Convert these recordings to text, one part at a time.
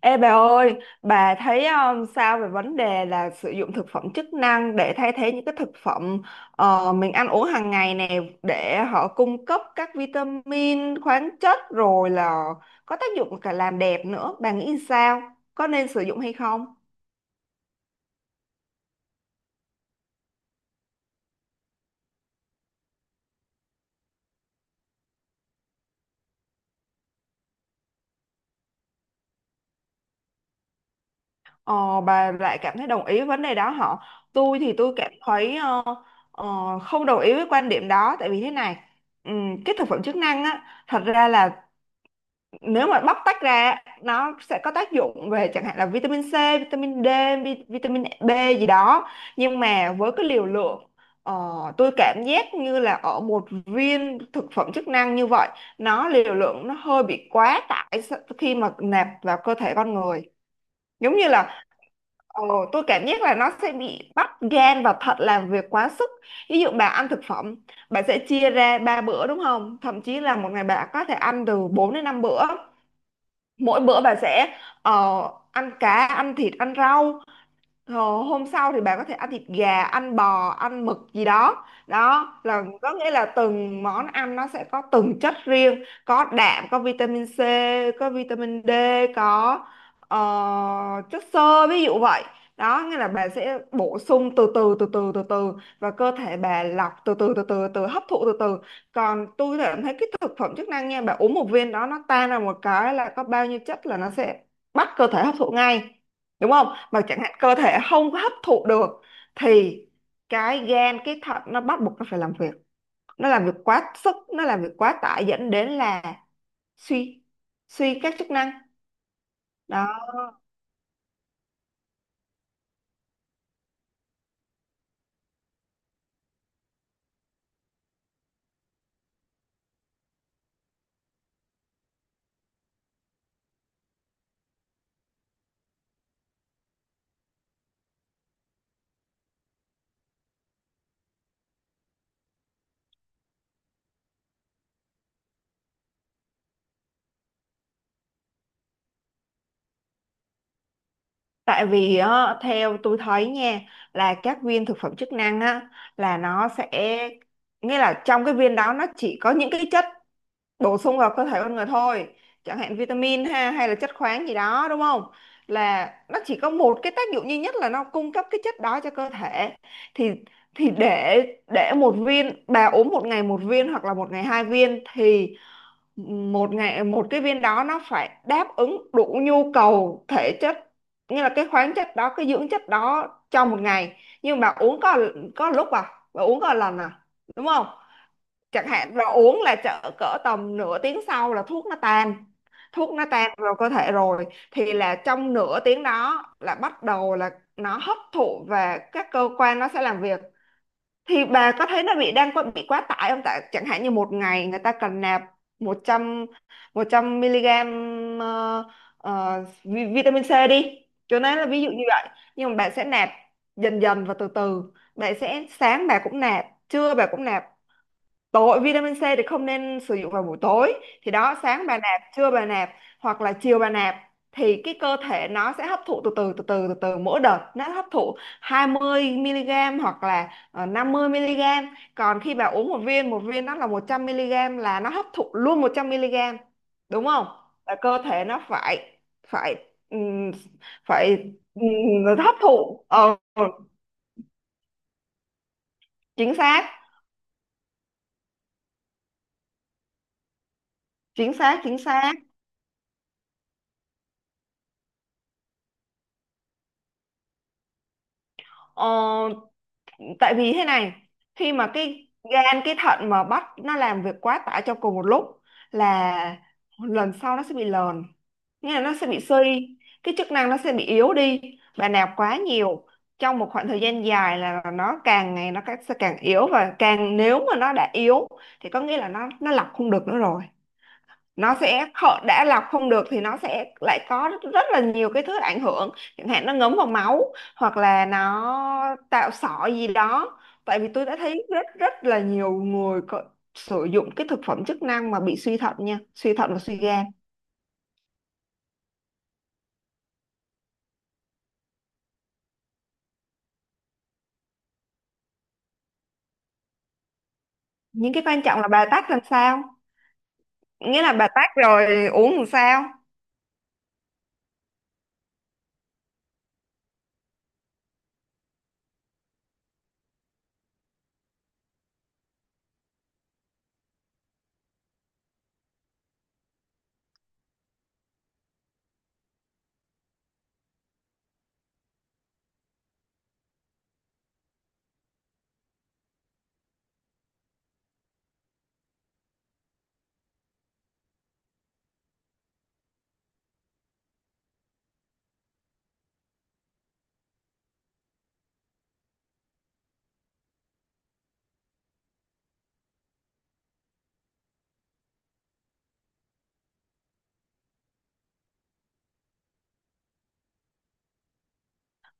Ê bà ơi, bà thấy sao về vấn đề là sử dụng thực phẩm chức năng để thay thế những cái thực phẩm mình ăn uống hàng ngày nè để họ cung cấp các vitamin, khoáng chất rồi là có tác dụng cả làm đẹp nữa. Bà nghĩ sao? Có nên sử dụng hay không? Ờ, bà lại cảm thấy đồng ý với vấn đề đó hả? Tôi thì tôi cảm thấy ờ, không đồng ý với quan điểm đó tại vì thế này, cái thực phẩm chức năng á thật ra là nếu mà bóc tách ra nó sẽ có tác dụng về chẳng hạn là vitamin C, vitamin D, vitamin B gì đó, nhưng mà với cái liều lượng ờ, tôi cảm giác như là ở một viên thực phẩm chức năng như vậy nó liều lượng nó hơi bị quá tải khi mà nạp vào cơ thể con người, giống như là ờ, tôi cảm giác là nó sẽ bị bắt gan và thận làm việc quá sức. Ví dụ bà ăn thực phẩm, bà sẽ chia ra ba bữa đúng không, thậm chí là một ngày bà có thể ăn từ 4 đến 5 bữa, mỗi bữa bà sẽ ăn cá ăn thịt ăn rau. Hôm sau thì bạn có thể ăn thịt gà, ăn bò, ăn mực gì đó. Đó là có nghĩa là từng món ăn nó sẽ có từng chất riêng, có đạm, có vitamin C, có vitamin D, có ờ, chất xơ ví dụ vậy. Đó nghĩa là bà sẽ bổ sung từ từ từ từ từ từ và cơ thể bà lọc từ từ từ từ từ hấp thụ từ từ. Còn tôi cảm thấy cái thực phẩm chức năng nha, bà uống một viên đó nó tan ra một cái là có bao nhiêu chất là nó sẽ bắt cơ thể hấp thụ ngay, đúng không, mà chẳng hạn cơ thể không có hấp thụ được thì cái gan cái thận nó bắt buộc nó phải làm việc, nó làm việc quá sức, nó làm việc quá tải dẫn đến là suy, suy các chức năng, đó. Tại vì á, theo tôi thấy nha, là các viên thực phẩm chức năng á là nó sẽ, nghĩa là trong cái viên đó nó chỉ có những cái chất bổ sung vào cơ thể con người thôi, chẳng hạn vitamin ha hay là chất khoáng gì đó đúng không, là nó chỉ có một cái tác dụng duy nhất là nó cung cấp cái chất đó cho cơ thể. Thì thì để để một viên bà uống một ngày một viên hoặc là một ngày hai viên thì một ngày một cái viên đó nó phải đáp ứng đủ nhu cầu thể chất, như là cái khoáng chất đó cái dưỡng chất đó trong một ngày. Nhưng bà uống có lúc à, bà uống có lần à, đúng không. Chẳng hạn và uống là chợ cỡ tầm nửa tiếng sau là thuốc nó tan, thuốc nó tan vào cơ thể rồi thì là trong nửa tiếng đó là bắt đầu là nó hấp thụ và các cơ quan nó sẽ làm việc. Thì bà có thấy nó bị đang có bị quá tải không, tại chẳng hạn như một ngày người ta cần nạp 100, 100 mg vitamin C đi, cho nên là ví dụ như vậy. Nhưng mà bạn sẽ nạp dần dần và từ từ, bạn sẽ sáng bà cũng nạp trưa bà cũng nạp, tối vitamin C thì không nên sử dụng vào buổi tối, thì đó sáng bà nạp trưa bà nạp hoặc là chiều bà nạp, thì cái cơ thể nó sẽ hấp thụ từ từ từ từ từ từ, mỗi đợt nó hấp thụ 20 mg hoặc là 50 mg. Còn khi bà uống một viên, một viên nó là 100 mg là nó hấp thụ luôn 100 mg, đúng không, là cơ thể nó phải, phải ừm, phải hấp thụ, chính xác, chính xác, chính xác. Ờ, tại vì thế này, khi mà cái gan cái thận mà bắt nó làm việc quá tải trong cùng một lúc là lần sau nó sẽ bị lờn, nghĩa là nó sẽ bị suy, cái chức năng nó sẽ bị yếu đi, và nạp quá nhiều trong một khoảng thời gian dài là nó càng ngày sẽ càng yếu, và càng nếu mà nó đã yếu thì có nghĩa là nó lọc không được nữa rồi, nó sẽ đã lọc không được thì nó sẽ lại có rất, rất là nhiều cái thứ ảnh hưởng, chẳng hạn nó ngấm vào máu hoặc là nó tạo sỏi gì đó. Tại vì tôi đã thấy rất rất là nhiều người có, sử dụng cái thực phẩm chức năng mà bị suy thận nha, suy thận và suy gan. Những cái quan trọng là bà tách làm sao, nghĩa là bà tách rồi uống làm sao.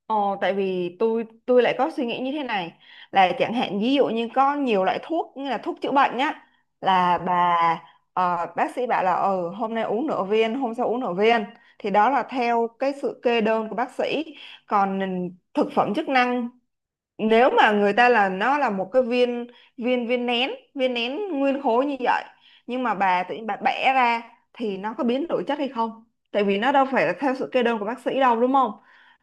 Ồ, tại vì tôi lại có suy nghĩ như thế này, là chẳng hạn ví dụ như có nhiều loại thuốc như là thuốc chữa bệnh nhá, là bà, bác sĩ bảo là ừ hôm nay uống nửa viên hôm sau uống nửa viên, thì đó là theo cái sự kê đơn của bác sĩ. Còn thực phẩm chức năng, nếu mà người ta là nó là một cái viên, viên nén, viên nén nguyên khối như vậy, nhưng mà bà tự nhiên bà bẻ ra thì nó có biến đổi chất hay không, tại vì nó đâu phải là theo sự kê đơn của bác sĩ đâu, đúng không.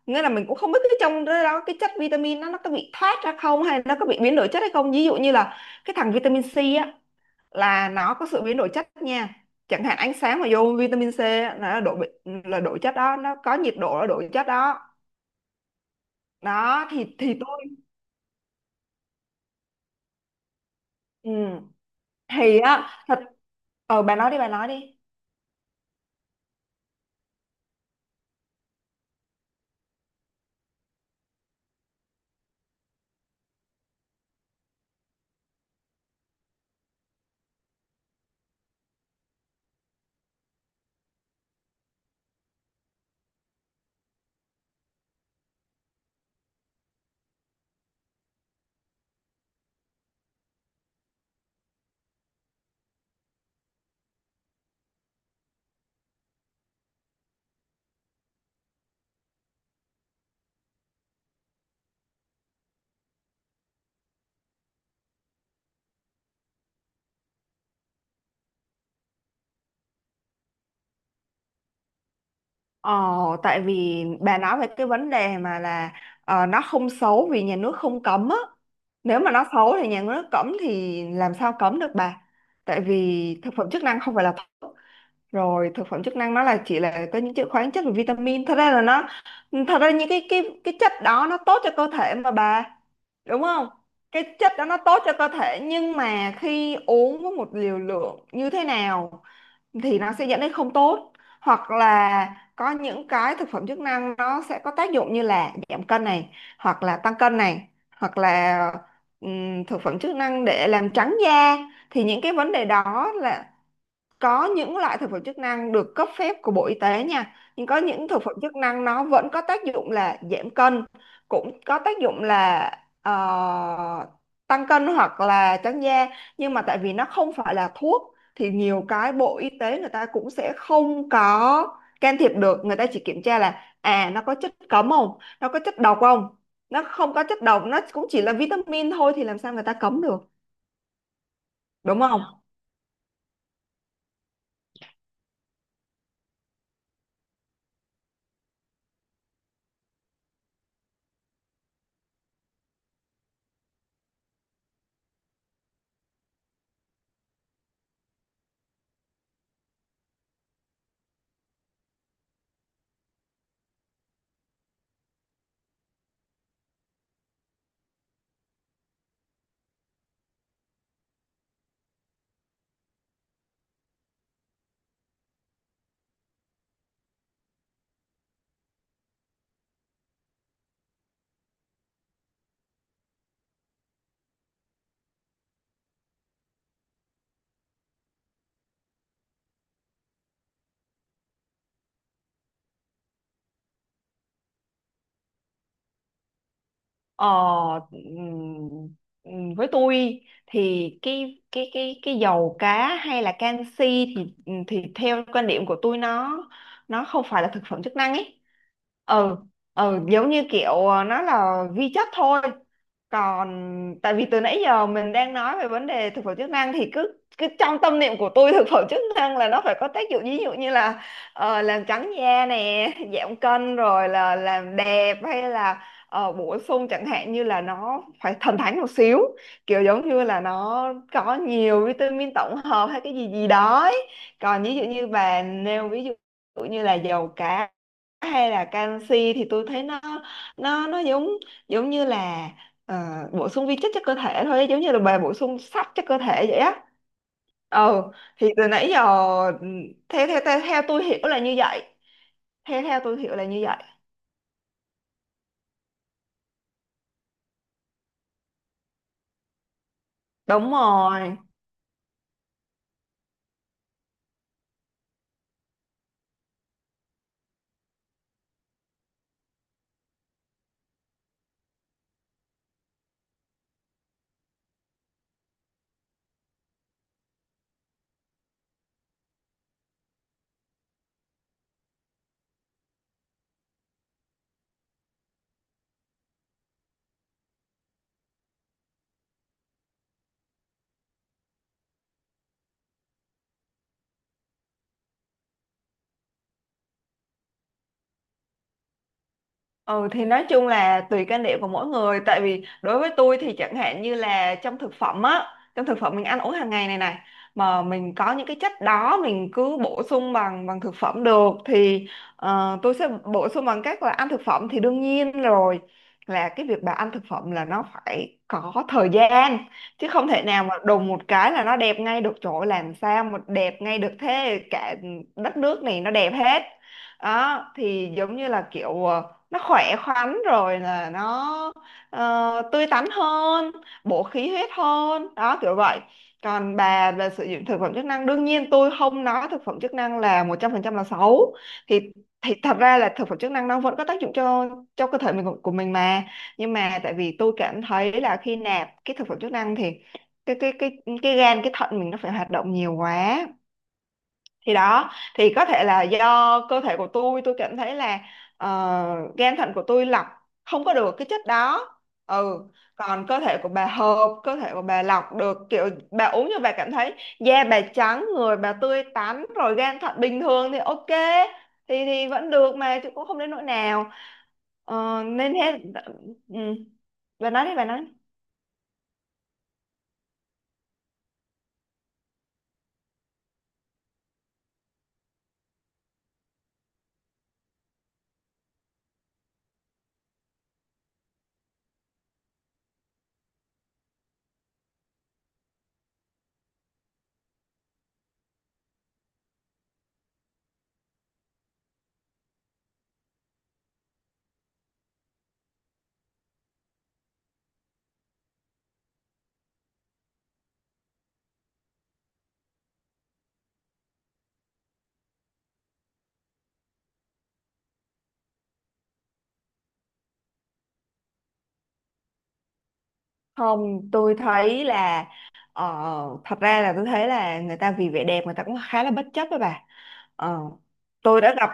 Nghĩa là mình cũng không biết cái trong đó đó, cái chất vitamin nó có bị thoát ra không, hay nó có bị biến đổi chất hay không, ví dụ như là cái thằng vitamin C á là nó có sự biến đổi chất nha, chẳng hạn ánh sáng mà vô vitamin C á, là độ là đổi chất đó, nó có nhiệt độ là đổi chất đó. Đó thì tôi, ừ. Thì á thật. Ờ bà nói đi, bà nói đi. Ờ, tại vì bà nói về cái vấn đề mà là nó không xấu vì nhà nước không cấm á. Nếu mà nó xấu thì nhà nước cấm thì làm sao cấm được bà? Tại vì thực phẩm chức năng không phải là thuốc. Rồi thực phẩm chức năng nó là chỉ là có những chữ khoáng chất và vitamin. Thật ra là nó, thật ra những cái chất đó nó tốt cho cơ thể mà bà. Đúng không? Cái chất đó nó tốt cho cơ thể, nhưng mà khi uống với một liều lượng như thế nào thì nó sẽ dẫn đến không tốt, hoặc là có những cái thực phẩm chức năng nó sẽ có tác dụng như là giảm cân này, hoặc là tăng cân này, hoặc là thực phẩm chức năng để làm trắng da. Thì những cái vấn đề đó là có những loại thực phẩm chức năng được cấp phép của Bộ Y tế nha, nhưng có những thực phẩm chức năng nó vẫn có tác dụng là giảm cân, cũng có tác dụng là ờ, tăng cân hoặc là trắng da. Nhưng mà tại vì nó không phải là thuốc thì nhiều cái Bộ Y tế người ta cũng sẽ không có can thiệp được, người ta chỉ kiểm tra là à nó có chất cấm không, nó có chất độc không. Nó không có chất độc, nó cũng chỉ là vitamin thôi thì làm sao người ta cấm được, đúng không. Ờ, ừm, với tôi thì cái dầu cá hay là canxi thì theo quan điểm của tôi nó không phải là thực phẩm chức năng ấy. Ừ, ừ giống như kiểu nó là vi chất thôi. Còn tại vì từ nãy giờ mình đang nói về vấn đề thực phẩm chức năng thì cứ cứ trong tâm niệm của tôi thực phẩm chức năng là nó phải có tác dụng, ví dụ như là làm trắng da nè giảm cân rồi là làm đẹp, hay là bổ sung, chẳng hạn như là nó phải thần thánh một xíu, kiểu giống như là nó có nhiều vitamin tổng hợp hay cái gì gì đó ấy. Còn ví dụ như bà nêu ví dụ như là dầu cá hay là canxi thì tôi thấy nó giống giống như là bổ sung vi chất cho cơ thể thôi, giống như là bà bổ sung sắt cho cơ thể vậy á. Ừ, thì từ nãy giờ, ừ, theo tôi hiểu là như vậy. Theo theo tôi hiểu là như vậy. Đúng rồi. Ừ, thì nói chung là tùy quan điểm của mỗi người, tại vì đối với tôi thì chẳng hạn như là trong thực phẩm á, trong thực phẩm mình ăn uống hàng ngày này này, mà mình có những cái chất đó mình cứ bổ sung bằng bằng thực phẩm được thì tôi sẽ bổ sung bằng cách là ăn thực phẩm thì đương nhiên rồi. Là cái việc bà ăn thực phẩm là nó phải có thời gian, chứ không thể nào mà đùng một cái là nó đẹp ngay được, chỗ làm sao mà đẹp ngay được thế cả, đất nước này nó đẹp hết đó. Thì giống như là kiểu nó khỏe khoắn rồi là nó tươi tắn hơn, bổ khí huyết hơn đó, kiểu vậy. Còn bà về sử dụng thực phẩm chức năng, đương nhiên tôi không nói thực phẩm chức năng là 100% là xấu. Thì thì thật ra là thực phẩm chức năng nó vẫn có tác dụng cho cơ thể mình, của mình mà. Nhưng mà tại vì tôi cảm thấy là khi nạp cái thực phẩm chức năng thì cái cái cái cái gan cái thận mình nó phải hoạt động nhiều quá. Thì đó, thì có thể là do cơ thể của tôi cảm thấy là ờ, gan thận của tôi lọc không có được cái chất đó. Ừ. Còn cơ thể của bà hợp, cơ thể của bà lọc được, kiểu bà uống như bà cảm thấy da bà trắng, người bà tươi tắn rồi, gan thận bình thường thì ok. Thì vẫn được mà, chứ cũng không đến nỗi nào. Ờ, nên thế. Ừ. Bà nói đi, bà nói. Không, tôi thấy là ờ, thật ra là tôi thấy là người ta vì vẻ đẹp người ta cũng khá là bất chấp đó bà. Ờ, tôi đã gặp,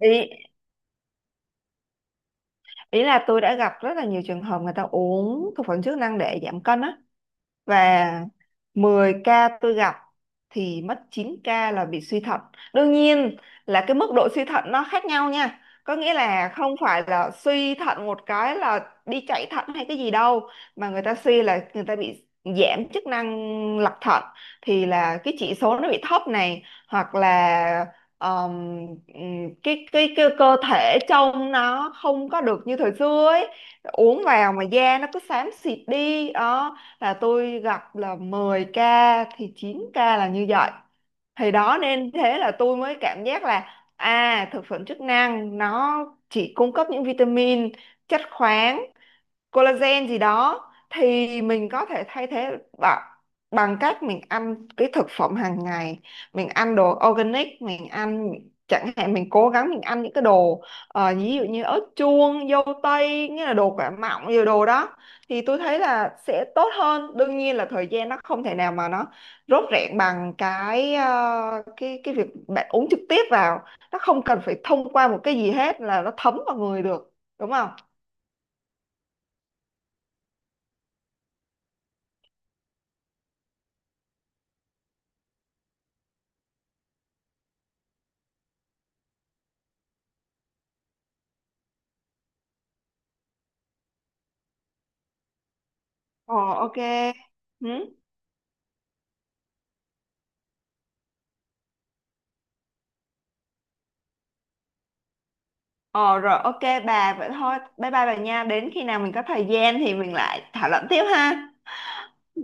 ý, ý là tôi đã gặp rất là nhiều trường hợp người ta uống thực phẩm chức năng để giảm cân á. Và 10 ca tôi gặp thì mất 9 ca là bị suy thận. Đương nhiên là cái mức độ suy thận nó khác nhau nha. Có nghĩa là không phải là suy thận một cái là đi chạy thận hay cái gì đâu, mà người ta suy là người ta bị giảm chức năng lọc thận, thì là cái chỉ số nó bị thấp này, hoặc là ờm, cái cơ thể trông nó không có được như thời xưa ấy, uống vào mà da nó cứ xám xịt đi đó. Là tôi gặp là 10 ca thì 9 ca là như vậy. Thì đó, nên thế là tôi mới cảm giác là à, thực phẩm chức năng nó chỉ cung cấp những vitamin, chất khoáng, collagen gì đó thì mình có thể thay thế bằng bằng cách mình ăn cái thực phẩm hàng ngày, mình ăn đồ organic, mình ăn, chẳng hạn mình cố gắng mình ăn những cái đồ, ví dụ như ớt chuông, dâu tây, nghĩa là đồ quả mọng, nhiều đồ đó thì tôi thấy là sẽ tốt hơn. Đương nhiên là thời gian nó không thể nào mà nó rốt rẹn bằng cái cái việc bạn uống trực tiếp vào, nó không cần phải thông qua một cái gì hết là nó thấm vào người được, đúng không? Ồ, ok. Ừ. Ồ rồi, ok, bà vậy thôi. Bye bye bà nha. Đến khi nào mình có thời gian thì mình lại thảo luận tiếp ha. Ừ.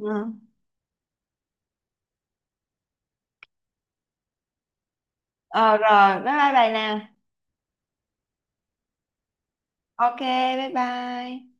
Ờ rồi, bye bye bà nè. Ok, bye bye.